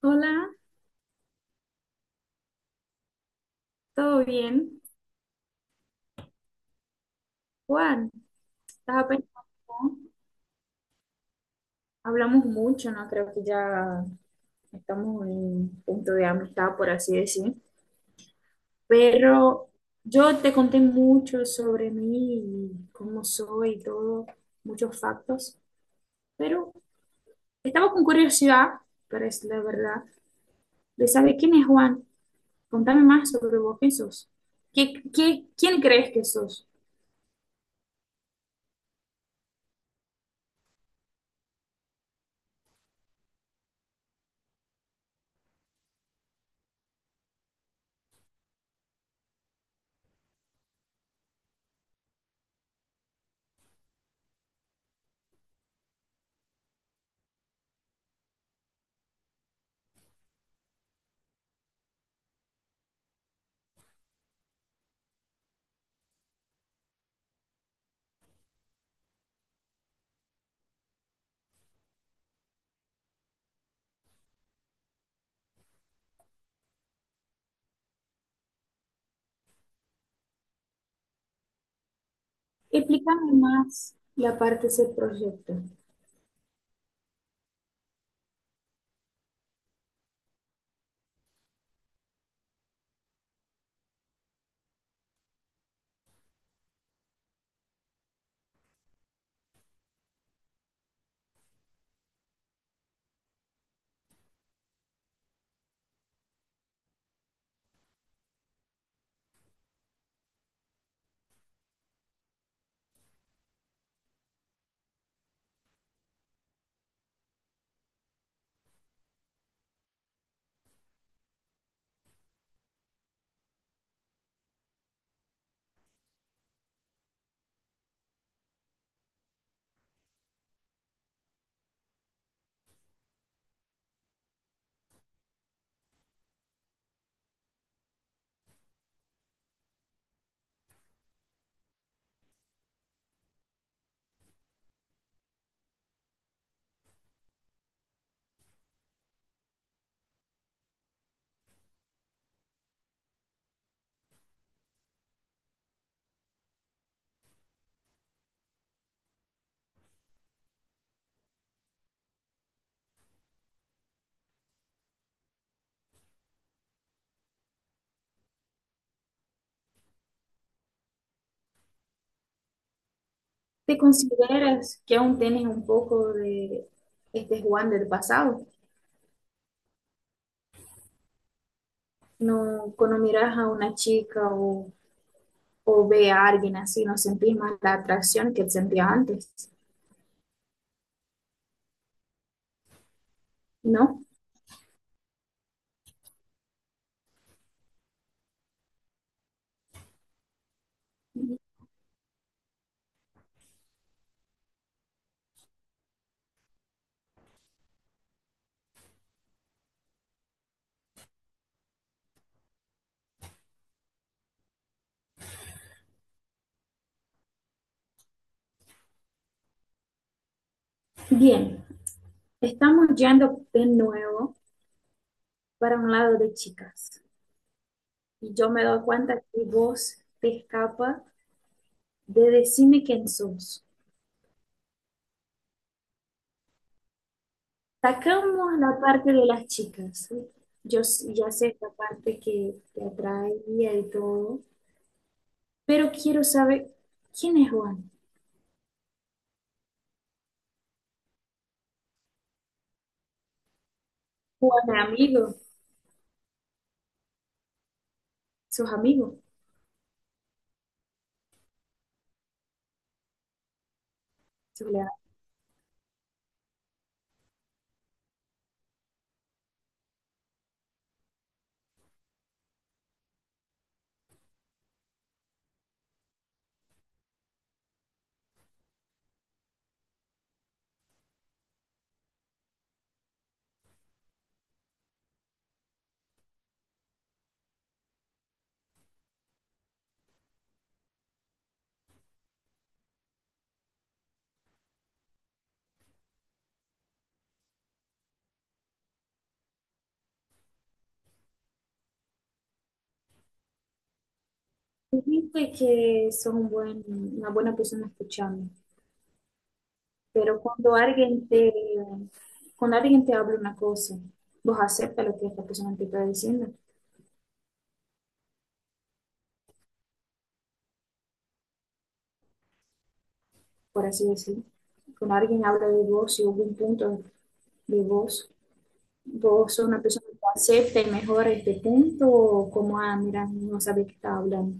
Hola, ¿todo bien? Juan, estaba pensando, hablamos mucho, ¿no? Creo que ya estamos en un punto de amistad, por así decir, pero yo te conté mucho sobre mí y cómo soy y todo, muchos factos, pero estaba con curiosidad, pero es la verdad, de saber quién es Juan. Contame más sobre vos, ¿quién sos? ¿ quién crees que sos? Explícame más la parte de ese proyecto. ¿Te consideras que aún tienes un poco de este Juan del pasado? No, cuando miras a una chica o ve a alguien así, no sentís más la atracción que sentías antes, ¿no? Bien, estamos yendo de nuevo para un lado de chicas. Y yo me doy cuenta que vos te escapa de decirme quién sos. Sacamos la parte de las chicas. Ya sé esta parte que te atraía y todo. Pero quiero saber quién es Juan. Juan es amigo, sus amigos, sus leales. Dijiste que son un buen, una buena persona escuchando, pero cuando alguien cuando alguien te habla una cosa, vos aceptas lo que esta persona te está diciendo, por así decirlo. Cuando alguien habla de vos y hubo un punto de vos, vos sos una persona que acepta y mejora este punto, o como, ah, mira, no sabe qué está hablando.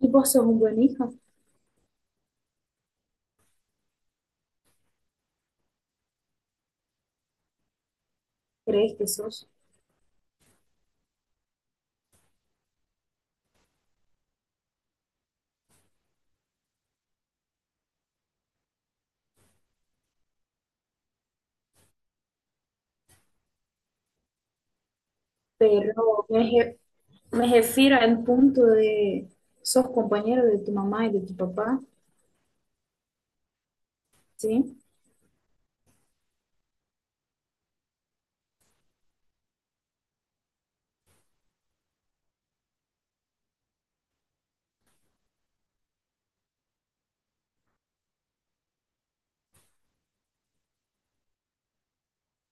Y vos sos un buen hijo, crees que sos, pero me refiero al punto de sos compañero de tu mamá y de tu papá, ¿sí?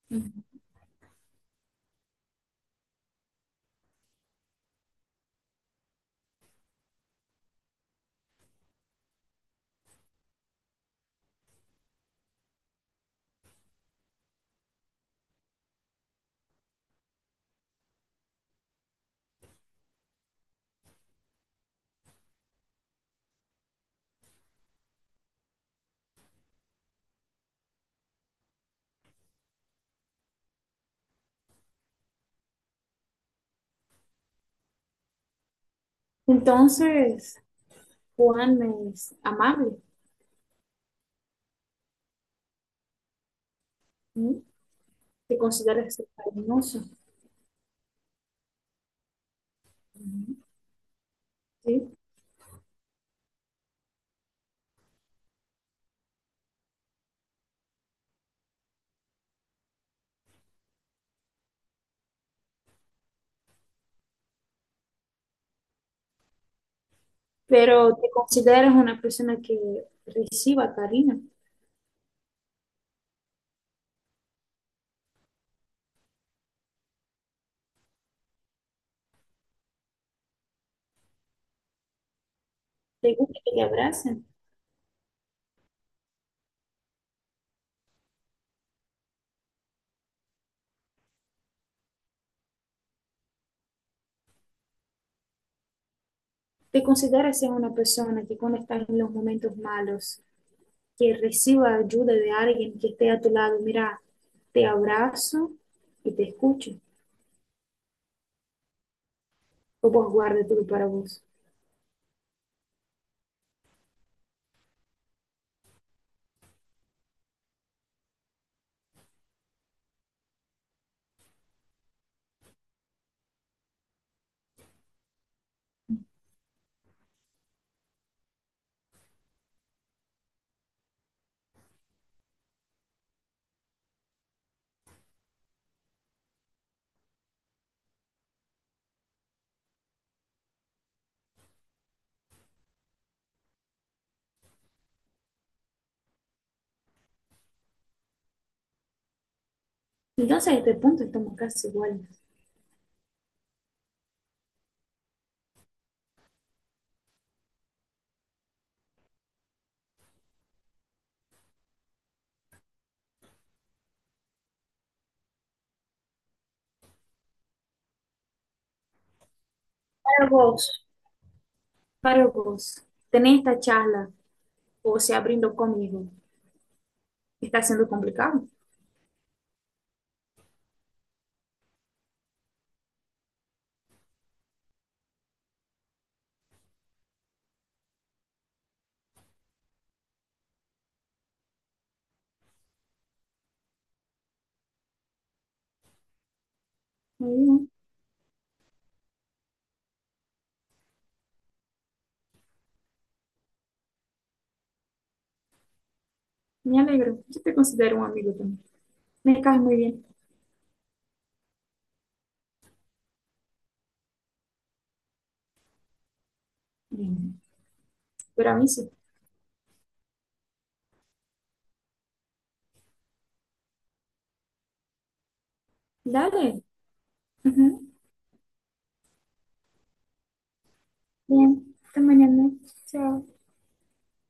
Ujú. Entonces, Juan es amable, ¿sí? Te consideras cariñoso, ¿sí? Pero te consideras una persona que reciba cariño, te gusta que te abracen, te consideras ser una persona que cuando estás en los momentos malos, que reciba ayuda de alguien que esté a tu lado, mira, te abrazo y te escucho, o vos guarda todo para vos. Entonces, a este punto estamos casi iguales. Para vos, Para vos, tenés esta charla o se abriendo conmigo, ¿está siendo complicado? Muy bien, me alegro. Yo te considero un amigo también. Me caes muy bien. Bien, pero a mí sí. Dale. Ujú. Bien, hasta mañana. Chao.